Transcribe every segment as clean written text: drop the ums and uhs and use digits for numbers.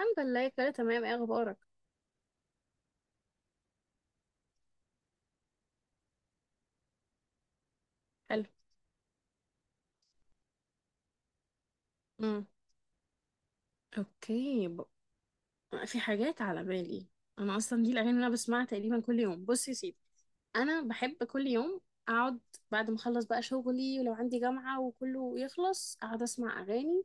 الحمد لله، كله تمام. ايه اخبارك؟ حلو. امم. اوكي في حاجات على بالي. انا اصلا دي الاغاني اللي انا بسمعها تقريبا كل يوم. بص يا سيدي، انا بحب كل يوم اقعد بعد ما اخلص بقى شغلي ولو عندي جامعة وكله يخلص، اقعد اسمع اغاني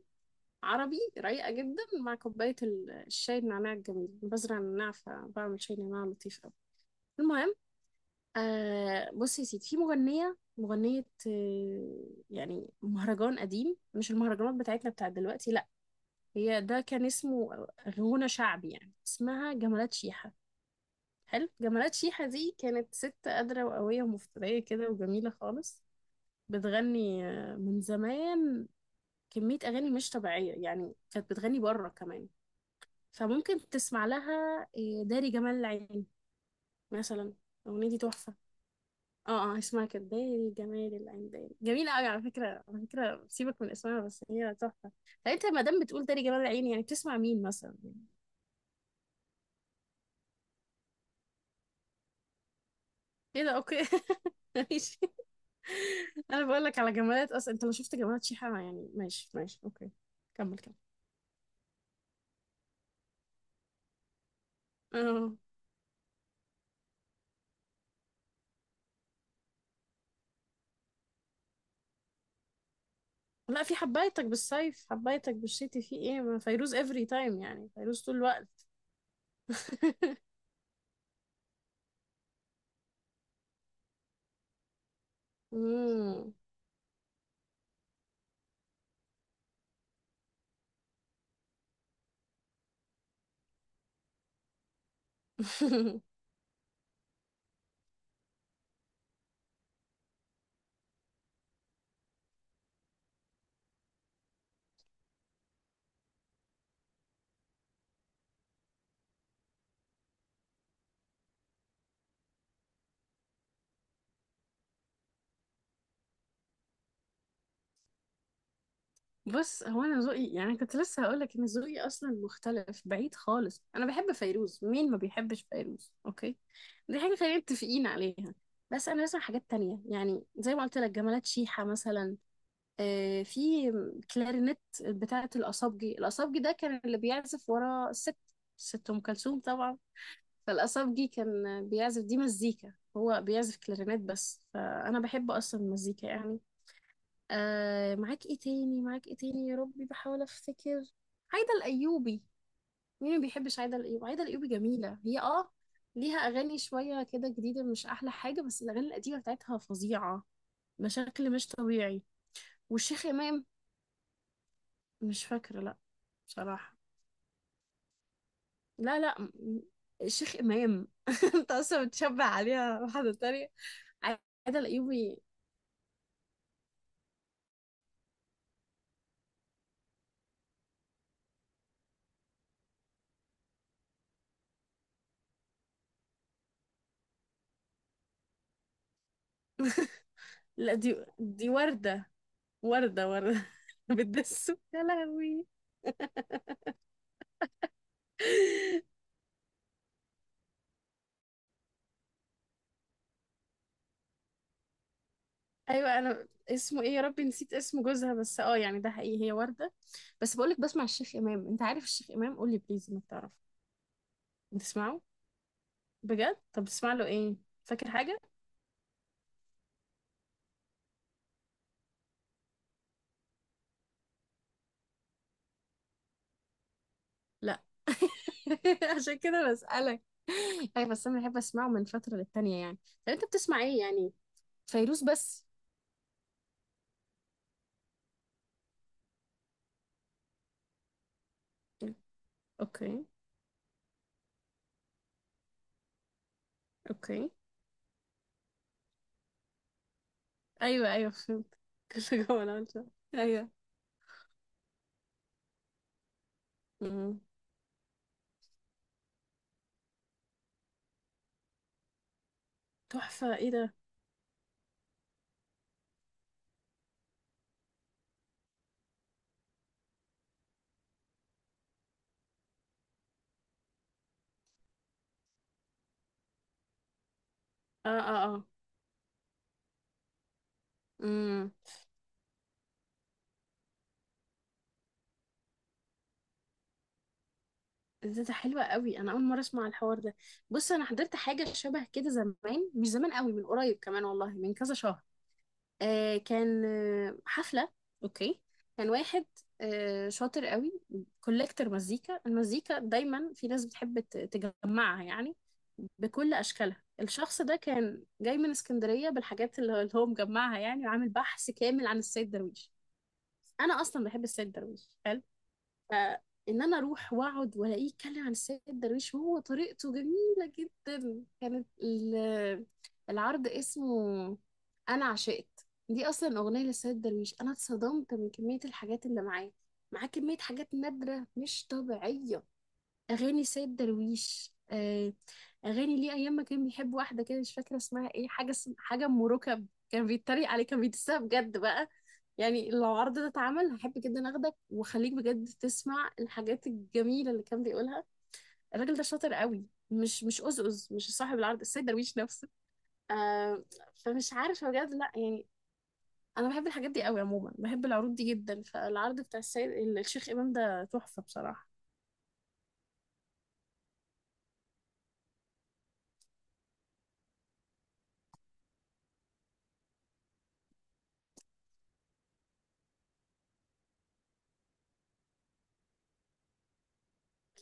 عربي رايقة جدا مع كوباية الشاي، النعناع الجميل بزرع النعناع فبعمل شاي نعناع لطيف قوي. المهم، آه بص يا سيدي، في مغنية، يعني مهرجان قديم، مش المهرجانات بتاعتنا بتاعت دلوقتي. هي ده كان اسمه غنى شعبي يعني. اسمها جمالات شيحة. حلو، جمالات شيحة دي كانت ست قادرة وقوية ومفترية كده وجميلة خالص. بتغني من زمان، كمية أغاني مش طبيعية يعني، كانت بتغني بره كمان. فممكن تسمع لها داري جمال العين مثلا. الأغنية دي تحفة. اه اه، اسمها كده داري جمال العين، داري جميلة أوي على فكرة، على فكرة سيبك من اسمها بس هي تحفة. طب انت ما دام بتقول داري جمال العين يعني بتسمع مين مثلا؟ ايه ده، اوكي ماشي، انا بقول لك على جمالات، اصلا انت لو شفت جمالات شيحة يعني، ماشي ماشي اوكي، كمل كمل. اه، لا، في حبايتك بالصيف، حبايتك بالشتي، في ايه؟ ما فيروز افري تايم يعني، فيروز طول الوقت. مم. بص، هو انا ذوقي يعني، كنت لسه هقول لك ان ذوقي اصلا مختلف بعيد خالص. انا بحب فيروز، مين ما بيحبش فيروز؟ اوكي، دي حاجه خلينا متفقين عليها. بس انا بسمع حاجات تانية يعني، زي ما قلت لك جمالات شيحة مثلا، في كلارينت بتاعة الأصابجي. الأصابجي ده كان اللي بيعزف ورا الست، الست أم كلثوم طبعا. فالأصابجي كان بيعزف، دي مزيكا، هو بيعزف كلارينت بس، فأنا بحب أصلا المزيكا يعني. آه، معاك إيه تاني؟ معاك إيه تاني يا ربي، بحاول أفتكر. عايدة الأيوبي، مين ما بيحبش عايدة الأيوبي؟ عايدة الأيوبي جميلة هي آه. ليها أغاني شوية كده جديدة مش أحلى حاجة، بس الأغاني القديمة بتاعتها فظيعة بشكل مش طبيعي. والشيخ إمام. مش فاكرة لا، بصراحة. لا لا، الشيخ إمام انت أصلا بتشبه عليها واحدة تانية. عادة الأيوبي لا، دي وردة. وردة، وردة بتدسه يا لهوي ايوه انا، اسمه ايه يا ربي، نسيت اسم جوزها. بس اه يعني ده حقيقي، هي وردة. بس بقولك، بسمع الشيخ إمام. انت عارف الشيخ إمام؟ قولي بليز انك تعرف. بتسمعه بجد؟ طب بتسمع له ايه؟ فاكر حاجة؟ لا عشان كده بسألك اي بس انا بحب اسمعه من فترة للتانية يعني. طب انت بتسمع ايه يعني؟ فيروز بس؟ اوكي، اوكي. ايوه ايوه فهمت كنت جوه انا قلت. ايوه. أمم. تحفة، ايه ده. اه اه اه. امم. ده، ده حلوة قوي، انا اول مرة اسمع الحوار ده. بص، انا حضرت حاجة شبه كده زمان، مش زمان قوي، من قريب كمان والله، من كذا شهر. آه كان آه حفلة. اوكي. كان واحد آه شاطر قوي، كولكتر مزيكا. المزيكا دايما في ناس بتحب تجمعها يعني، بكل اشكالها. الشخص ده كان جاي من اسكندرية بالحاجات اللي هو مجمعها يعني، وعامل بحث كامل عن السيد درويش. انا اصلا بحب السيد درويش، حلو. فان انا اروح واقعد والاقيه يتكلم عن السيد درويش، وهو طريقته جميله جدا. كانت العرض اسمه، انا عشقت دي اصلا اغنيه للسيد درويش. انا اتصدمت من كميه الحاجات اللي معاه. معاه كميه حاجات نادره مش طبيعيه. اغاني سيد درويش آه، اغاني ليه ايام ما كان بيحب واحده كده، مش فاكره اسمها ايه، حاجه حاجه ام ركب. كان بيتريق عليه، كان بيدسها بجد بقى. يعني لو العرض ده اتعمل هحب جدا اخدك واخليك بجد تسمع الحاجات الجميله اللي كان بيقولها. الراجل ده شاطر قوي، مش أزأز، مش صاحب العرض السيد درويش نفسه. آه. فمش عارفه بجد، لا يعني. انا بحب الحاجات دي قوي عموما، بحب العروض دي جدا. فالعرض بتاع السيد، الشيخ امام ده تحفه بصراحه.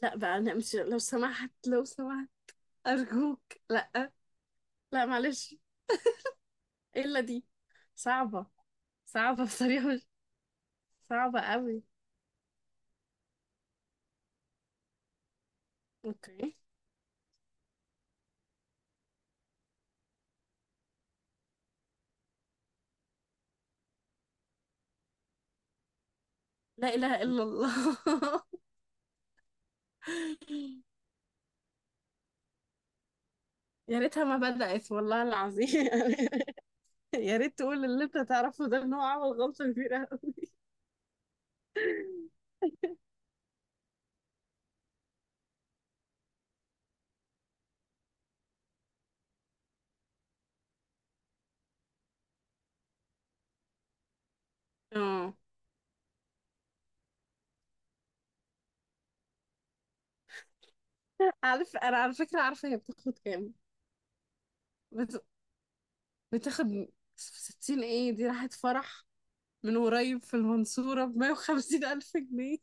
لا بقى، انا مش، لو سمحت لو سمحت، أرجوك لأ، لأ معلش، إيه إلا دي، صعبة، صعبة بطريقة مش، صعبة قوي. أوكي. لا إله إلا الله. يا ريتها ما بدأت والله العظيم. يا ريت تقول اللي أنت تعرفه ده، إن هو عمل غلطة كبيرة قوي. اه. عارف، أنا على فكرة عارفة هي بتاخد كام. بت... بتاخد 60، إيه دي؟ راحت فرح من قريب في المنصورة بـ150,000 جنيه.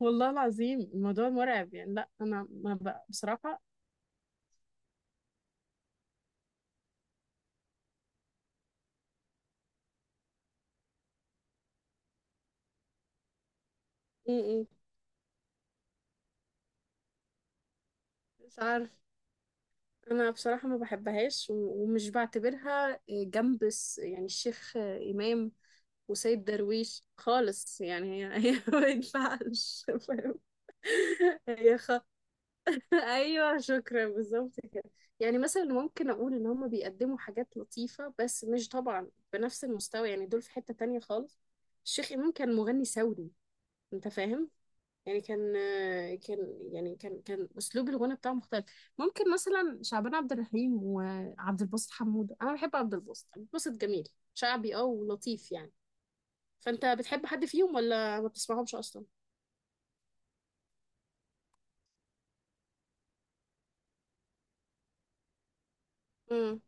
والله العظيم الموضوع مرعب يعني. لا انا ما ب... بصراحه. م- م. مش عارف. انا بصراحه ما بحبهاش ومش بعتبرها آه، جنب يعني الشيخ آه، امام وسيد درويش خالص يعني. هي هي ما ينفعش، فاهم؟ هي خ... ايوه شكرا، بالظبط كده. يعني مثلا ممكن اقول ان هم بيقدموا حاجات لطيفه، بس مش طبعا بنفس المستوى يعني، دول في حته تانية خالص. الشيخ امام كان مغني ثوري، انت فاهم، يعني كان، كان، يعني كان اسلوب الغنى بتاعه مختلف. ممكن مثلا شعبان عبد الرحيم وعبد الباسط حمود، انا بحب عبد الباسط، عبد الباسط جميل، شعبي اه ولطيف يعني. فانت بتحب حد فيهم ولا ما بتسمعهمش اصلا؟ امم.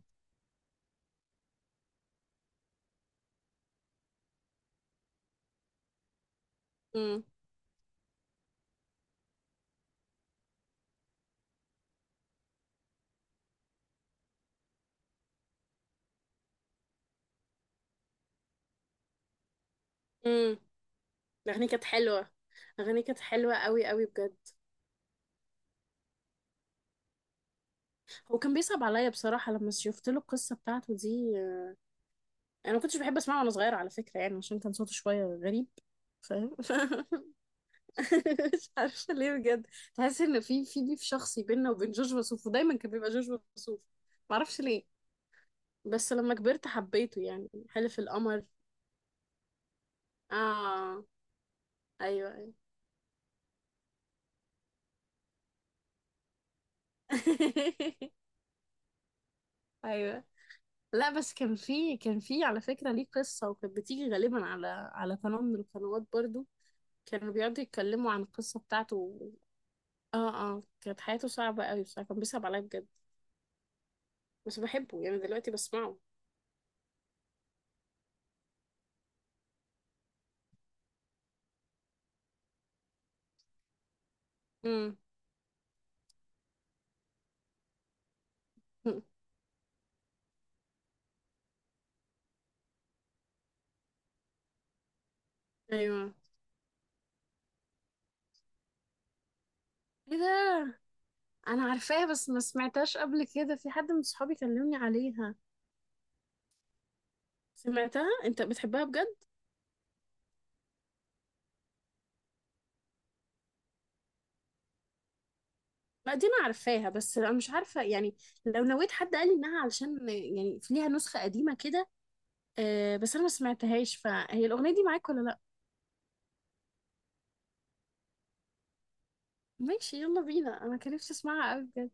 امم. امم. الاغنيه كانت حلوه، اغانيه كانت حلوه قوي قوي بجد. هو كان بيصعب عليا بصراحه لما شفت له القصه بتاعته دي. انا ما كنتش بحب اسمعه وانا صغيره على فكره يعني، عشان كان صوته شويه غريب، فاهم؟ مش عارفه ليه بجد، تحس ان في بيف شخصي بيننا وبين جورج وسوف، ودايما كان بيبقى جورج وسوف. معرفش ليه. بس لما كبرت حبيته يعني، حلف القمر. اه. ايوه ايوه. ايوه. لا بس كان في على فكره ليه قصه، وكانت بتيجي غالبا على على قناه من القنوات برضو، كانوا بيقعدوا يتكلموا عن القصه بتاعته و-. اه. اه، كانت حياته صعبه قوي بصراحه، كان بيصعب عليا بجد. بس بحبه يعني دلوقتي بسمعه. امم. ايوه، ايه ده، انا عارفاها بس ما سمعتهاش قبل كده، في حد من صحابي كلمني عليها. سمعتها؟ انت بتحبها بجد؟ ما دي انا عارفاها، بس انا مش عارفه يعني لو نويت، حد قال لي انها علشان يعني ليها نسخه قديمه كده. آه، بس انا ما سمعتهاش. فهي الاغنيه دي معاك ولا لا؟ ماشي يلا بينا، انا كان نفسي اسمعها قوي.